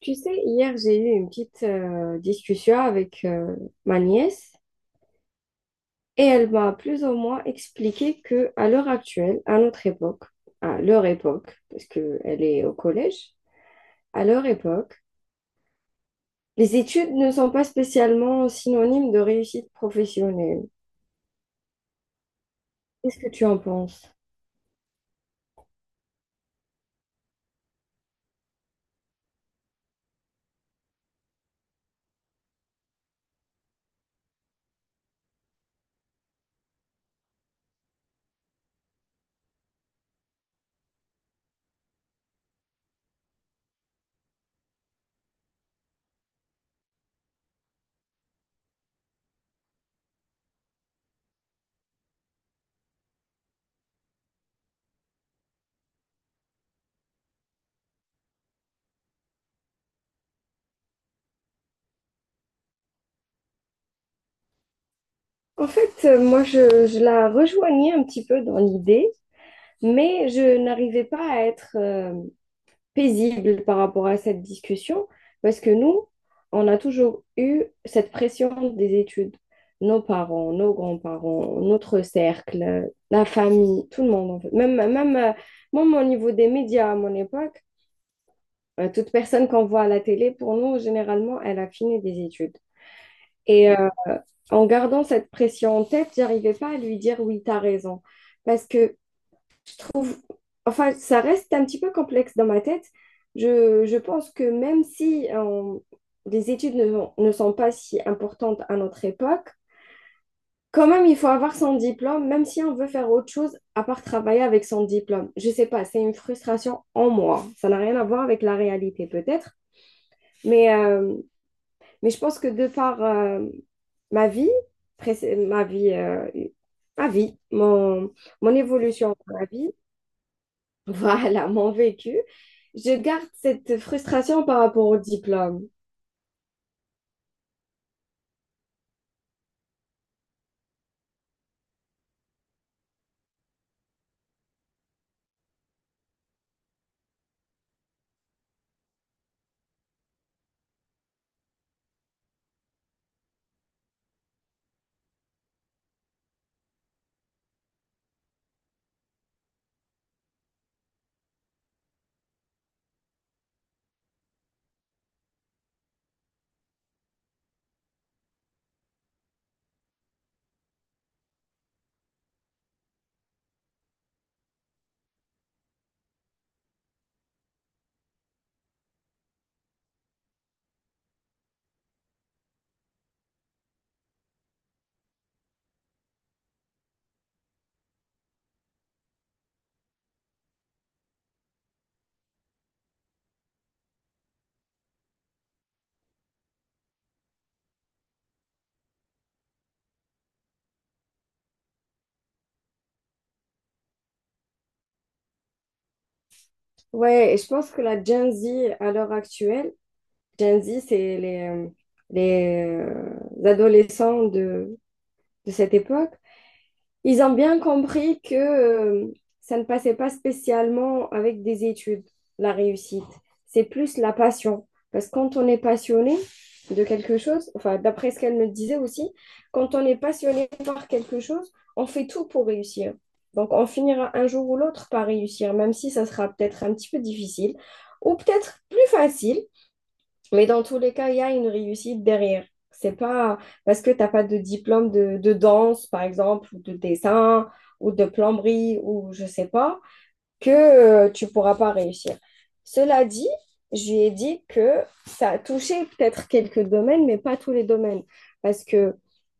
Tu sais, hier, j'ai eu une petite discussion avec ma nièce et elle m'a plus ou moins expliqué que à l'heure actuelle, à notre époque, à leur époque, parce qu'elle est au collège, à leur époque, les études ne sont pas spécialement synonymes de réussite professionnelle. Qu'est-ce que tu en penses? En fait, moi, je la rejoignais un petit peu dans l'idée, mais je n'arrivais pas à être paisible par rapport à cette discussion, parce que nous, on a toujours eu cette pression des études. Nos parents, nos grands-parents, notre cercle, la famille, tout le monde en fait. Même au niveau des médias à mon époque, toute personne qu'on voit à la télé, pour nous, généralement, elle a fini des études. Et en gardant cette pression en tête, j'arrivais pas à lui dire oui, t'as raison. Parce que enfin, ça reste un petit peu complexe dans ma tête. Je pense que même si les études ne sont pas si importantes à notre époque, quand même, il faut avoir son diplôme, même si on veut faire autre chose à part travailler avec son diplôme. Je sais pas, c'est une frustration en moi. Ça n'a rien à voir avec la réalité peut-être, mais, euh, mais je pense que de par ma vie, ma vie, ma vie, mon, mon évolution dans la vie, voilà, mon vécu. Je garde cette frustration par rapport au diplôme. Ouais, et je pense que la Gen Z à l'heure actuelle, Gen Z, c'est les adolescents de cette époque. Ils ont bien compris que ça ne passait pas spécialement avec des études, la réussite. C'est plus la passion. Parce que quand on est passionné de quelque chose, enfin, d'après ce qu'elle me disait aussi, quand on est passionné par quelque chose, on fait tout pour réussir. Donc, on finira un jour ou l'autre par réussir, même si ça sera peut-être un petit peu difficile ou peut-être plus facile, mais dans tous les cas, il y a une réussite derrière. C'est pas parce que t'as pas de diplôme de danse, par exemple, ou de dessin, ou de plomberie, ou je sais pas, que tu pourras pas réussir. Cela dit, je lui ai dit que ça a touché peut-être quelques domaines, mais pas tous les domaines. Parce que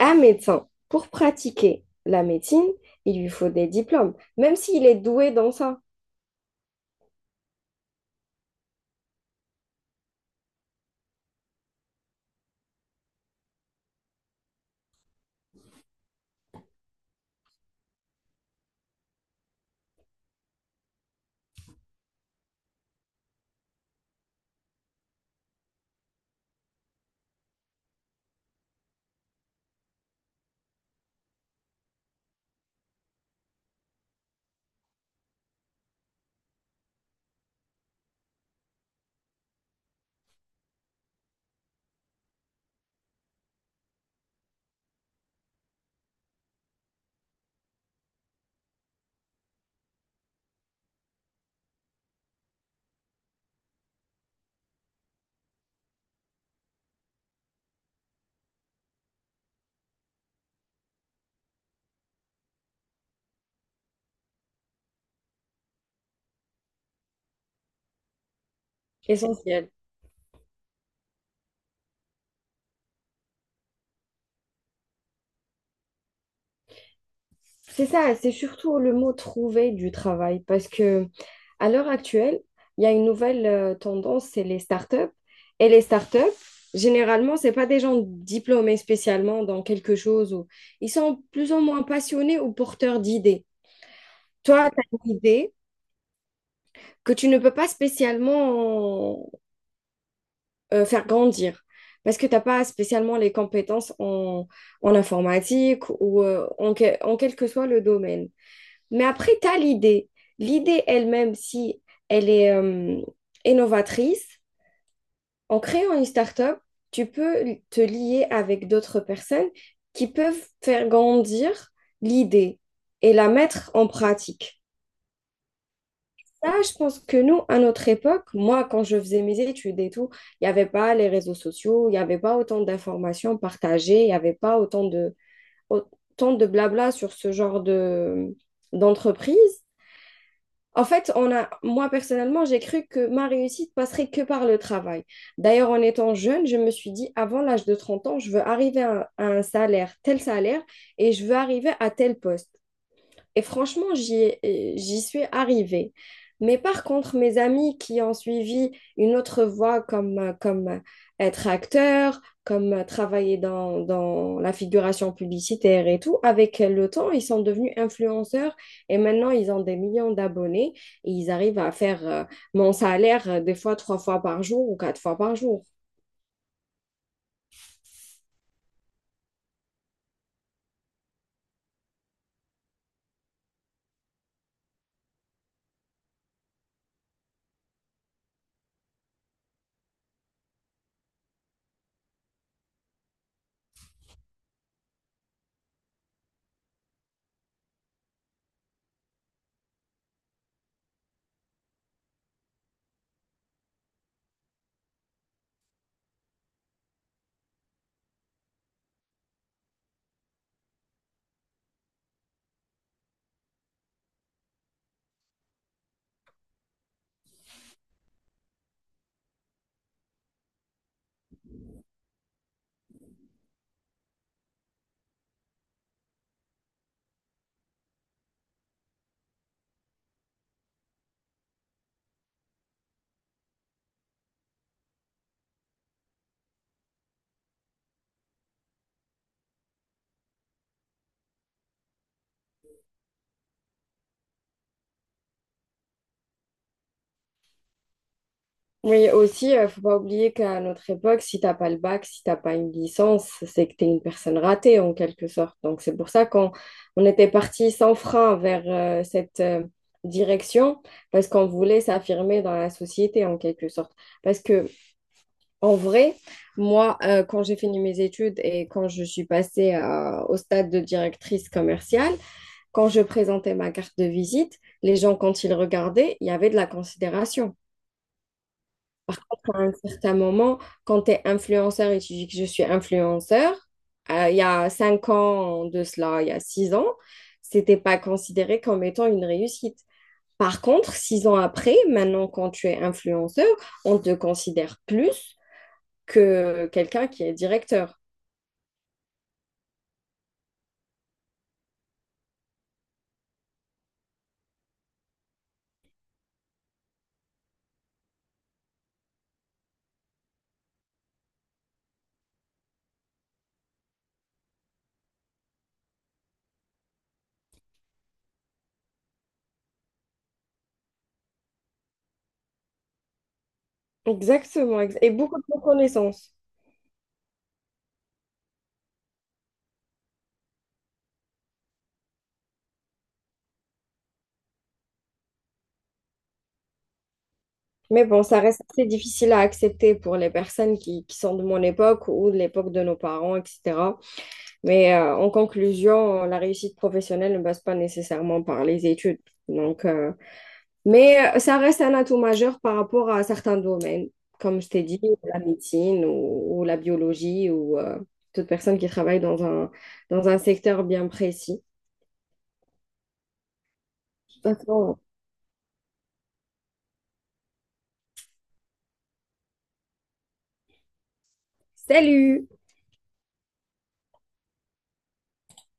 un médecin, pour pratiquer la médecine, il lui faut des diplômes, même s'il est doué dans ça. Essentiel. C'est ça, c'est surtout le mot trouver du travail, parce que à l'heure actuelle, il y a une nouvelle tendance, c'est les startups. Et les startups, généralement, ce pas des gens diplômés spécialement dans quelque chose. Ou... ils sont plus ou moins passionnés ou porteurs d'idées. Toi, tu as une idée que tu ne peux pas spécialement faire grandir parce que tu n'as pas spécialement les compétences en informatique ou en quel que soit le domaine. Mais après, tu as l'idée. L'idée elle-même, si elle est innovatrice, en créant une start-up, tu peux te lier avec d'autres personnes qui peuvent faire grandir l'idée et la mettre en pratique. Là, je pense que nous, à notre époque, moi, quand je faisais mes études et tout, il n'y avait pas les réseaux sociaux, il n'y avait pas autant d'informations partagées, il n'y avait pas autant autant de blabla sur ce genre d'entreprise. En fait, moi personnellement, j'ai cru que ma réussite passerait que par le travail. D'ailleurs, en étant jeune, je me suis dit, avant l'âge de 30 ans, je veux arriver à un salaire, tel salaire, et je veux arriver à tel poste. Et franchement, j'y suis arrivée. Mais par contre, mes amis qui ont suivi une autre voie comme être acteur, comme travailler dans la figuration publicitaire et tout, avec le temps, ils sont devenus influenceurs et maintenant, ils ont des millions d'abonnés et ils arrivent à faire mon salaire des fois 3 fois par jour ou 4 fois par jour. Oui, aussi, faut pas oublier qu'à notre époque, si t'as pas le bac, si t'as pas une licence, c'est que tu es une personne ratée en quelque sorte. Donc c'est pour ça qu'on on était parti sans frein vers cette direction parce qu'on voulait s'affirmer dans la société en quelque sorte. Parce que en vrai, moi, quand j'ai fini mes études et quand je suis passée au stade de directrice commerciale, quand je présentais ma carte de visite, les gens quand ils regardaient, il y avait de la considération à un certain moment, quand tu es influenceur et tu dis que je suis influenceur, il y a 5 ans de cela, il y a 6 ans, c'était pas considéré comme étant une réussite. Par contre, 6 ans après, maintenant, quand tu es influenceur, on te considère plus que quelqu'un qui est directeur. Exactement, et beaucoup de reconnaissance. Mais bon, ça reste assez difficile à accepter pour les personnes qui sont de mon époque ou de l'époque de nos parents, etc. Mais en conclusion, la réussite professionnelle ne passe pas nécessairement par les études. Donc, mais ça reste un atout majeur par rapport à certains domaines, comme je t'ai dit, la médecine ou la biologie ou toute personne qui travaille dans un secteur bien précis. De toute façon, salut!